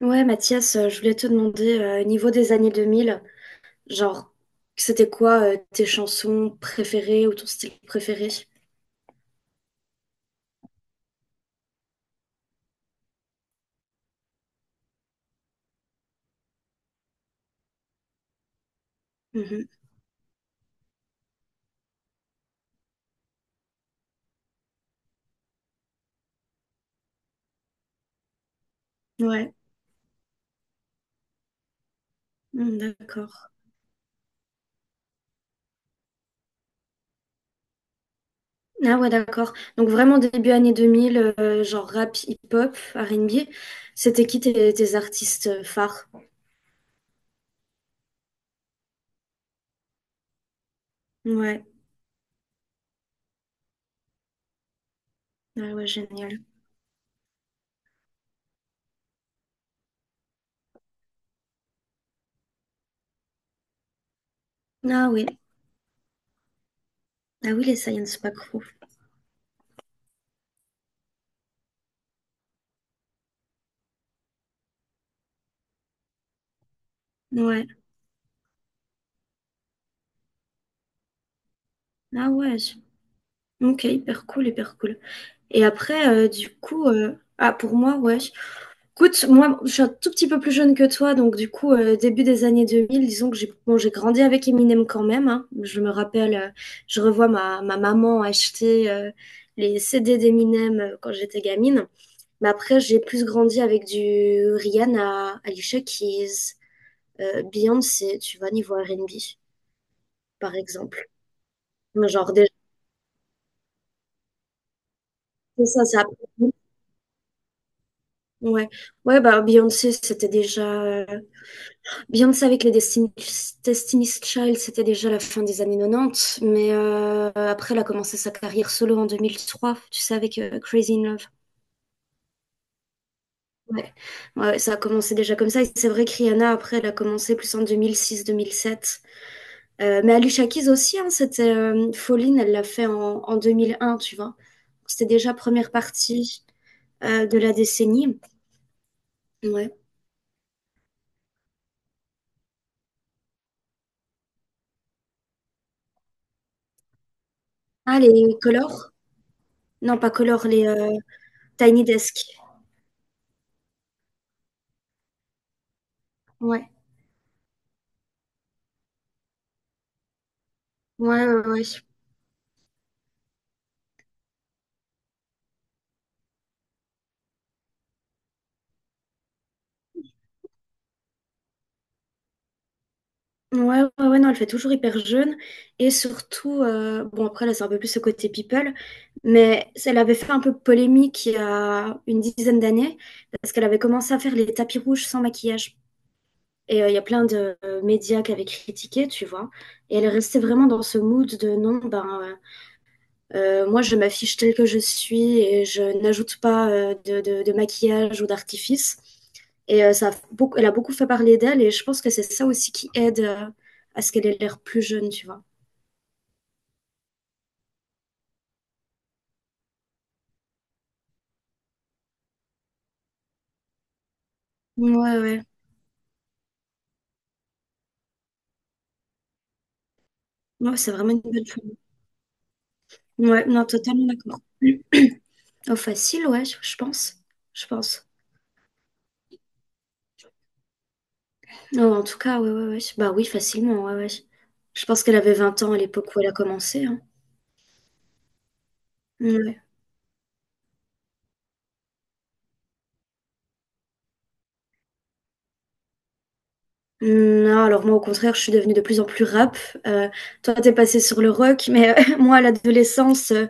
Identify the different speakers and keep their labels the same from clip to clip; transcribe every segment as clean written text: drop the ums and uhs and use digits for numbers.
Speaker 1: Ouais, Mathias, je voulais te demander, niveau des années 2000, genre, c'était quoi tes chansons préférées ou ton style préféré? Mhm. Ouais. Mm, d'accord. Ah ouais, d'accord. Donc vraiment début années 2000, genre rap, hip-hop, R&B, c'était qui tes artistes phares? Ouais, ah ouais, génial. Ah oui, ah oui, les Science Pack. Ouais. Ah ouais, ok, hyper cool, hyper cool. Et après, du coup, ah pour moi, ouais. Écoute, moi, je suis un tout petit peu plus jeune que toi, donc du coup, début des années 2000, disons que j'ai grandi avec Eminem quand même, hein. Je me rappelle, je revois ma maman acheter les CD d'Eminem quand j'étais gamine. Mais après, j'ai plus grandi avec du Rihanna, Alicia Keys, Beyoncé, tu vois, niveau R&B, par exemple. Genre, déjà, c'est ça, ça. Ouais, ouais, bah Beyoncé, c'était déjà Beyoncé avec les Destiny's Child, c'était déjà la fin des années 90, mais après, elle a commencé sa carrière solo en 2003, tu sais, avec Crazy in Love. Ouais. Ouais, ça a commencé déjà comme ça. Et c'est vrai que Rihanna, après, elle a commencé plus en 2006-2007. Mais Alicia Keys aussi, hein, c'était Falling, elle l'a fait en 2001, tu vois. C'était déjà première partie de la décennie. Ouais. Ah, les Colors? Non, pas Colors, les Tiny Desk. Ouais. Ouais, ouais, ouais. Ouais, ouais, ouais, non, elle fait toujours hyper jeune. Et surtout, bon, après, là, c'est un peu plus ce côté people, mais elle avait fait un peu polémique il y a une dizaine d'années, parce qu'elle avait commencé à faire les tapis rouges sans maquillage. Et il y a plein de médias qui avaient critiqué, tu vois. Et elle restait vraiment dans ce mood de non, ben, moi, je m'affiche telle que je suis et je n'ajoute pas de maquillage ou d'artifice. Et elle a beaucoup fait parler d'elle et je pense que c'est ça aussi qui aide à ce qu'elle ait l'air plus jeune, tu vois. Ouais, ouais. Ouais, c'est vraiment une bonne chose. Ouais, non, totalement d'accord. Oh, facile, ouais, je pense. Je pense. Non, en tout cas, ouais, ouais, ouais. Bah oui, facilement, ouais, ouais. Je pense qu'elle avait 20 ans à l'époque où elle a commencé, hein. Ouais. Non, alors moi au contraire, je suis devenue de plus en plus rap. Euh, toi, t'es passé sur le rock, mais moi à l'adolescence,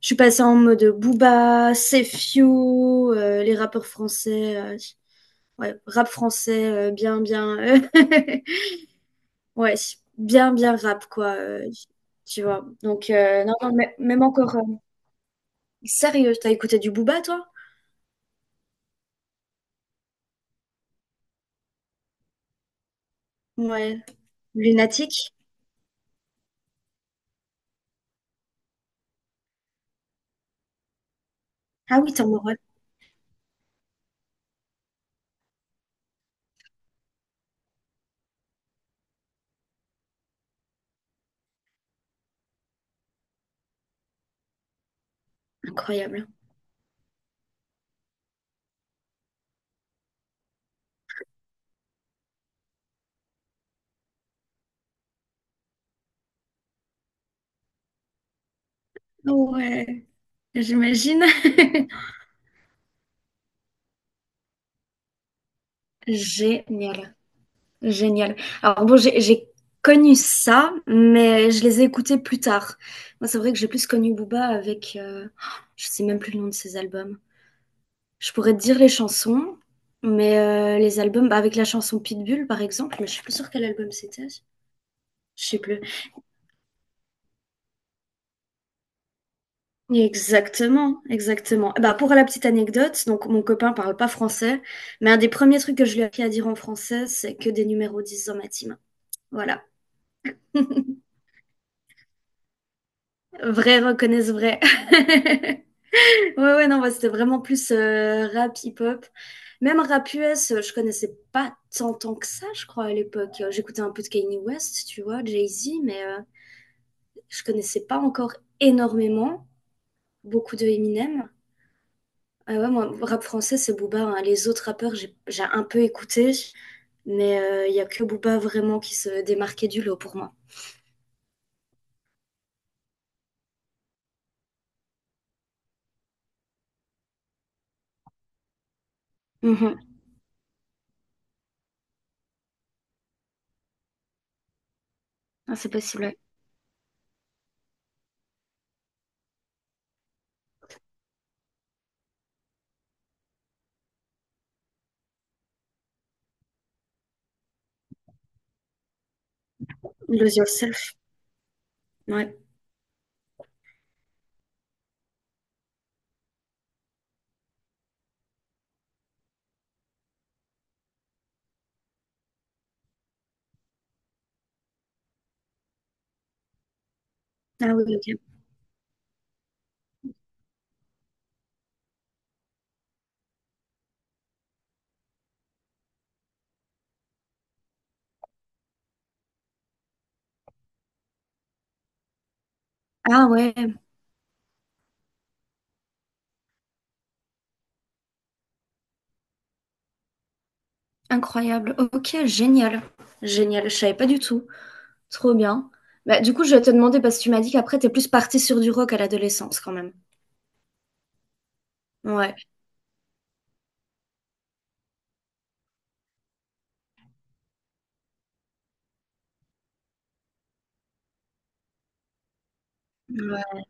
Speaker 1: je suis passée en mode Booba, Sefio, les rappeurs français, ouais, rap français, bien, bien, ouais, bien, bien rap quoi, tu vois. Donc non, non, même encore, sérieux, t'as écouté du Booba toi? Ouais, Lunatique. Ah oui, t'es en mode incroyable. Ouais, j'imagine. Génial. Génial. Alors bon, j'ai connu ça, mais je les ai écoutés plus tard. Moi, c'est vrai que j'ai plus connu Booba avec, je sais même plus le nom de ses albums. Je pourrais te dire les chansons, mais les albums, bah, avec la chanson Pitbull, par exemple, mais je suis plus sûre quel album c'était. Je sais plus. Exactement, exactement. Bah, pour la petite anecdote, donc mon copain parle pas français, mais un des premiers trucs que je lui ai appris à dire en français, c'est que des numéros 10 dans ma team. Voilà. Vrai reconnaissent vrai. Ouais, ouais, non, ouais, c'était vraiment plus rap hip-hop. Même rap US, je connaissais pas tant, tant que ça, je crois, à l'époque. J'écoutais un peu de Kanye West, tu vois, Jay-Z, mais je connaissais pas encore énormément. Beaucoup de Eminem. Ah ouais, moi, rap français, c'est Booba, hein. Les autres rappeurs, j'ai un peu écouté, mais il y a que Booba vraiment qui se démarquait du lot pour moi. Mhm. Ah, c'est possible, ouais. Lose Yourself, ouais. Ah oui, ok. Ah ouais, incroyable. Ok, génial. Génial, je savais pas du tout. Trop bien. Bah, du coup, je vais te demander, parce que tu m'as dit qu'après, t'es plus partie sur du rock à l'adolescence quand même. Ouais. Ouais.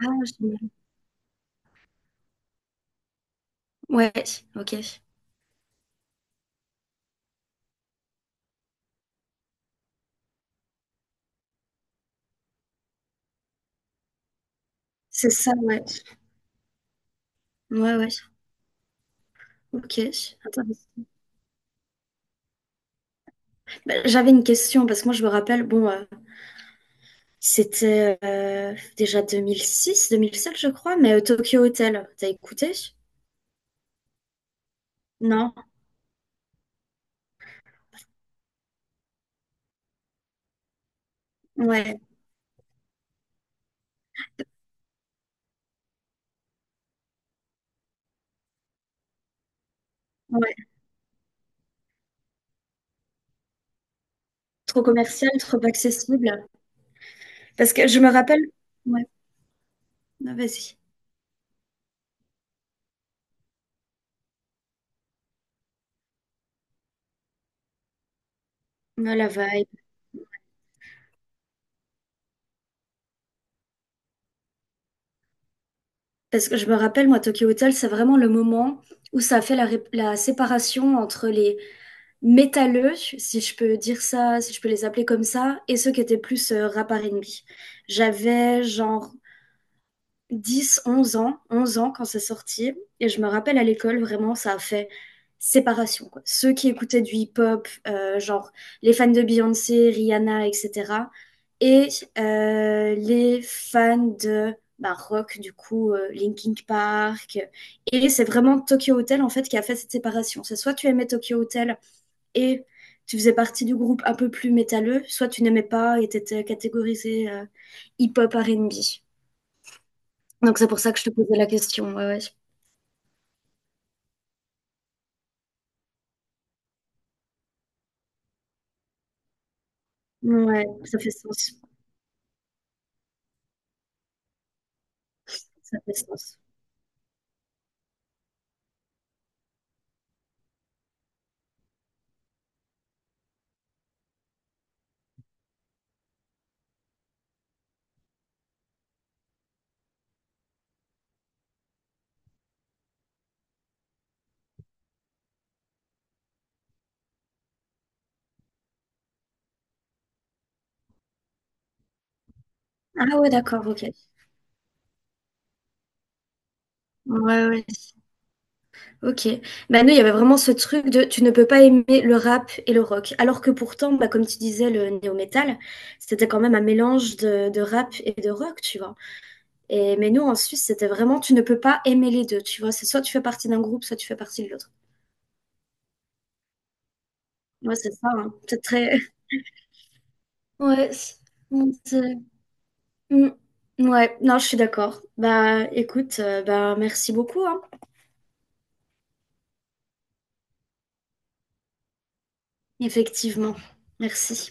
Speaker 1: Ah, génial. Ouais, ok. C'est ça, ouais. Ouais, ouais. Ok. Intéressant. Bah, j'avais une question, parce que moi, je me rappelle, bon, c'était déjà 2006, 2007, je crois, mais Tokyo Hotel, t'as écouté? Non? Ouais. Ouais. Trop commercial, trop accessible. Parce que je me rappelle. Ouais. Ah, vas-y. Ah, la vibe. Parce que je me rappelle, moi, Tokyo Hotel, c'est vraiment le moment où ça a fait la séparation entre les métalleux, si je peux dire ça, si je peux les appeler comme ça, et ceux qui étaient plus rap R&B. J'avais genre 11 ans quand c'est sorti. Et je me rappelle à l'école, vraiment, ça a fait séparation, quoi. Ceux qui écoutaient du hip-hop, genre les fans de Beyoncé, Rihanna, etc. Et les fans de bah, rock, du coup, Linkin Park. Et c'est vraiment Tokyo Hotel, en fait, qui a fait cette séparation. C'est soit tu aimais Tokyo Hotel et tu faisais partie du groupe un peu plus métalleux, soit tu n'aimais pas et t'étais catégorisé hip-hop R&B. Donc c'est pour ça que je te posais la question, ouais, ouais. Ouais, ça fait sens. Ça fait sens. Ah ouais, d'accord, ok. Ouais, ouais. Ok. Bah nous, il y avait vraiment ce truc de tu ne peux pas aimer le rap et le rock. Alors que pourtant, bah, comme tu disais, le néo-metal, c'était quand même un mélange de rap et de rock, tu vois. Mais nous, en Suisse, c'était vraiment tu ne peux pas aimer les deux, tu vois. C'est soit tu fais partie d'un groupe, soit tu fais partie de l'autre. Ouais, c'est ça, hein. C'est très. Ouais. c'est- Mm. Ouais, non, je suis d'accord. Bah écoute, bah merci beaucoup, hein. Effectivement. Merci.